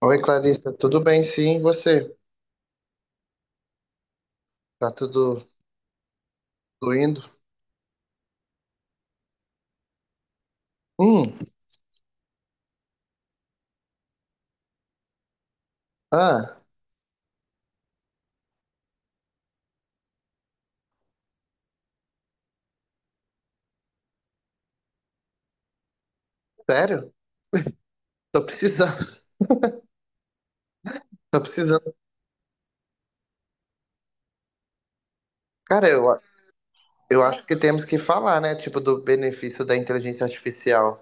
Oi, Clarissa, tudo bem? Sim, e você? Tá tudo, tudo indo? Hum, ah, sério? Tô precisando, tô precisando. Cara, eu acho que temos que falar, né? Tipo, do benefício da inteligência artificial.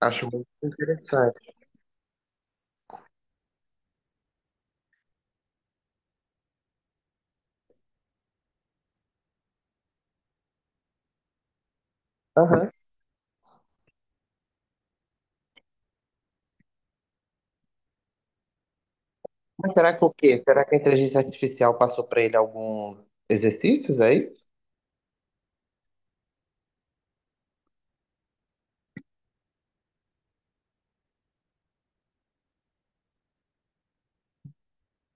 Acho muito interessante. Aham. Mas será que o quê? Será que a inteligência artificial passou pra ele alguns exercícios, é isso?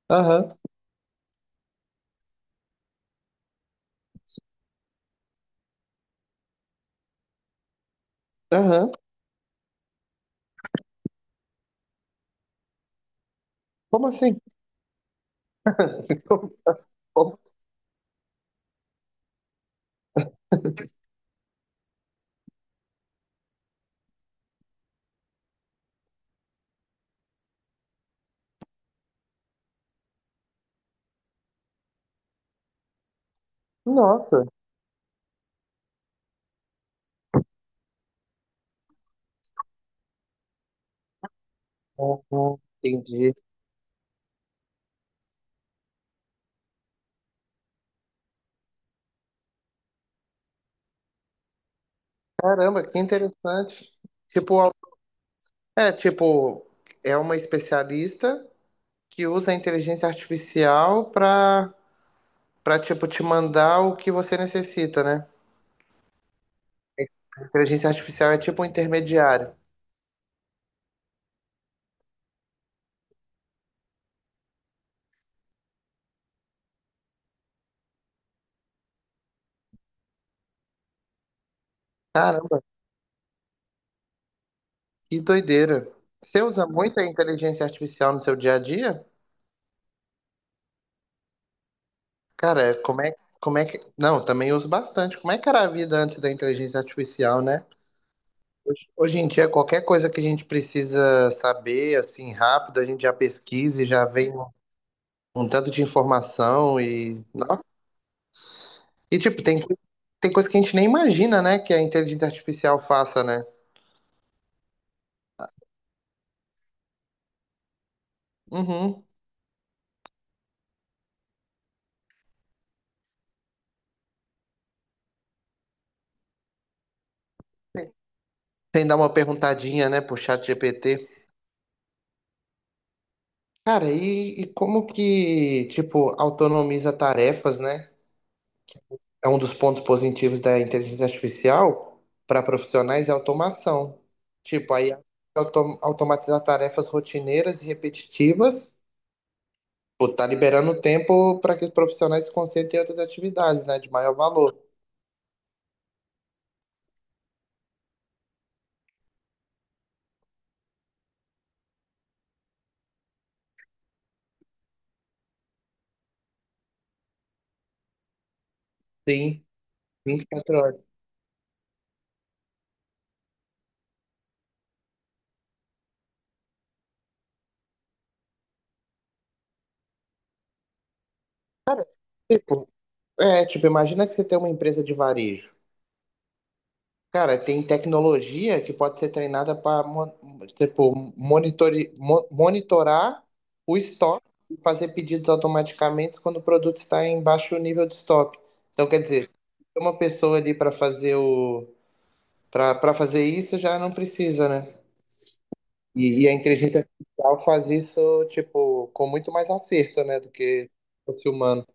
Aham, aham. Como assim? Como assim? Nossa. Uhum, entendi. Caramba, que interessante. Tipo, É, tipo, é uma especialista que usa a inteligência artificial para tipo te mandar o que você necessita, né? A inteligência artificial é tipo um intermediário. Caramba, que doideira. Você usa muito a inteligência artificial no seu dia a dia? Cara, como é que. Não, também uso bastante. Como é que era a vida antes da inteligência artificial, né? Hoje em dia, qualquer coisa que a gente precisa saber, assim, rápido, a gente já pesquisa e já vem um tanto de informação e. Nossa, e, tipo, tem coisa que a gente nem imagina, né? Que a inteligência artificial faça, né? Uhum. Sem dar uma perguntadinha, né, pro chat GPT. Cara, e como que, tipo, autonomiza tarefas, né? É um dos pontos positivos da inteligência artificial para profissionais é a automação. Tipo, aí automatizar tarefas rotineiras e repetitivas, pô, tá liberando tempo para que os profissionais se concentrem em outras atividades, né, de maior valor. Sim, 24 horas. Cara, tipo, É, tipo, imagina que você tem uma empresa de varejo. Cara, tem tecnologia que pode ser treinada para, tipo, monitorar o estoque e fazer pedidos automaticamente quando o produto está em baixo nível de estoque. Então, quer dizer, tem uma pessoa ali para fazer o para para fazer isso já não precisa, né? E a inteligência artificial faz isso, tipo, com muito mais acerto, né, do que se fosse humano.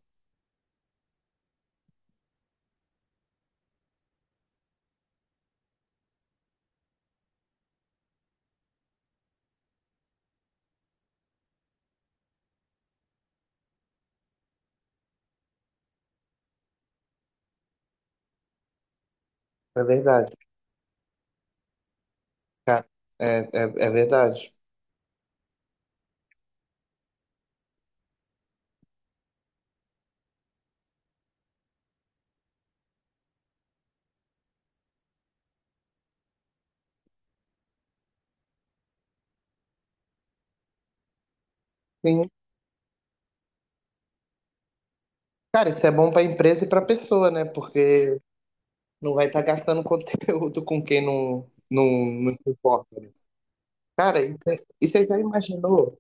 É verdade, cara. É, é, é verdade. Cara, isso é bom pra empresa e pra pessoa, né? Porque não vai estar gastando conteúdo com quem não se importa, né? Cara, e você já imaginou?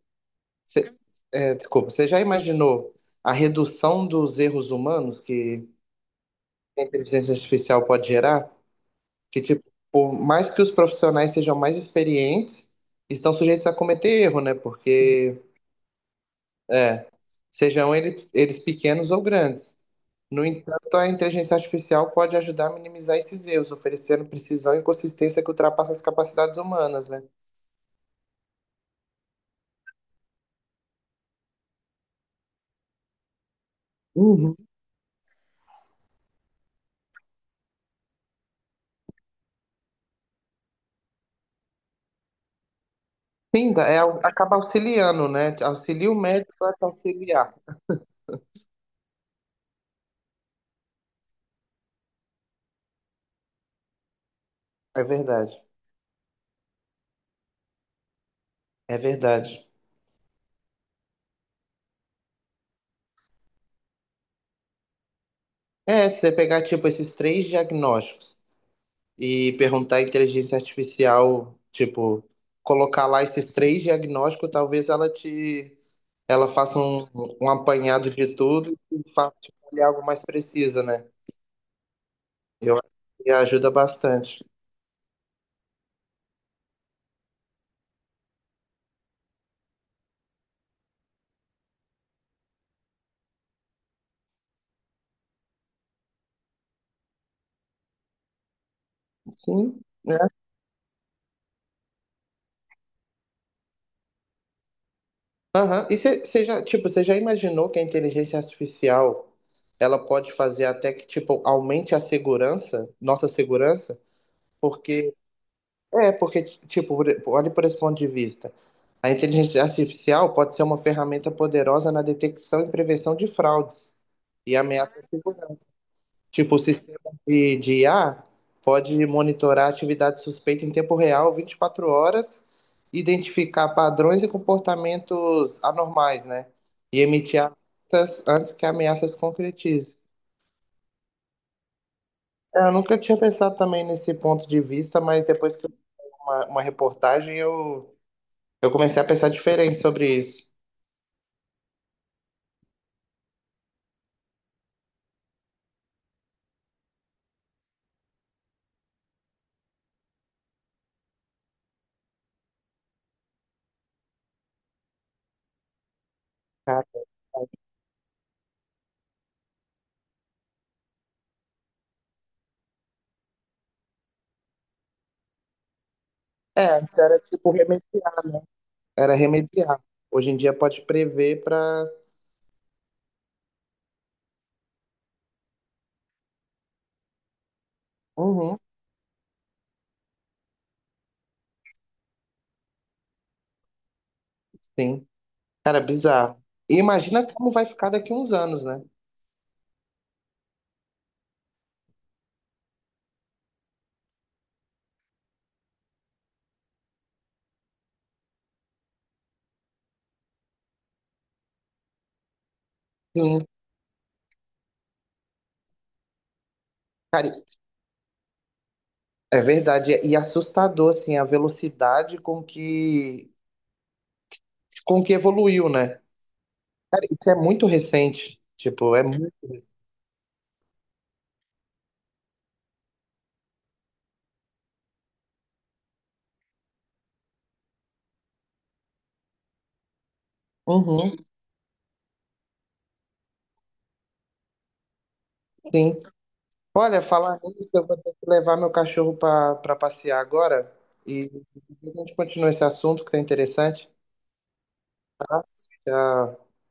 você- é, desculpa, você já imaginou a redução dos erros humanos que a inteligência artificial pode gerar? Que, tipo, por mais que os profissionais sejam mais experientes, estão sujeitos a cometer erro, né? Porque É, eles pequenos ou grandes. No entanto, a inteligência artificial pode ajudar a minimizar esses erros, oferecendo precisão e consistência que ultrapassa as capacidades humanas, né? Uhum. Sim, acaba auxiliando, né? Auxilia o médico a te auxiliar. É verdade. É verdade. É, se você pegar, tipo, esses três diagnósticos. E perguntar à inteligência artificial, tipo, colocar lá esses três diagnósticos, talvez ela faça um apanhado de tudo e faça tipo, olhar algo mais preciso, né? Eu acho que ajuda bastante. Sim, né? Aham. E você já, tipo, você já imaginou que a inteligência artificial ela pode fazer até que, tipo, aumente a segurança, nossa segurança? Porque É, porque, tipo, olhe por esse ponto de vista. A inteligência artificial pode ser uma ferramenta poderosa na detecção e prevenção de fraudes e ameaças de segurança. Tipo, o sistema de IA pode monitorar atividade suspeita em tempo real, 24 horas, identificar padrões e comportamentos anormais, né? E emitir alertas antes que a ameaça se concretize. É, eu nunca tinha pensado também nesse ponto de vista, mas depois que eu vi uma reportagem eu comecei a pensar diferente sobre isso. Cara, é, antes era tipo remediar. Era remediar. Hoje em dia pode prever pra. Uhum, sim. Cara, é bizarro. E imagina como vai ficar daqui uns anos, né? Sim. Cara, é verdade. E assustador, assim, a velocidade com que evoluiu, né? Cara, isso é muito recente. Tipo, é muito. Uhum, sim. Olha, falar nisso, eu vou ter que levar meu cachorro pra passear agora. E depois a gente continua esse assunto que tá interessante. Tá? Já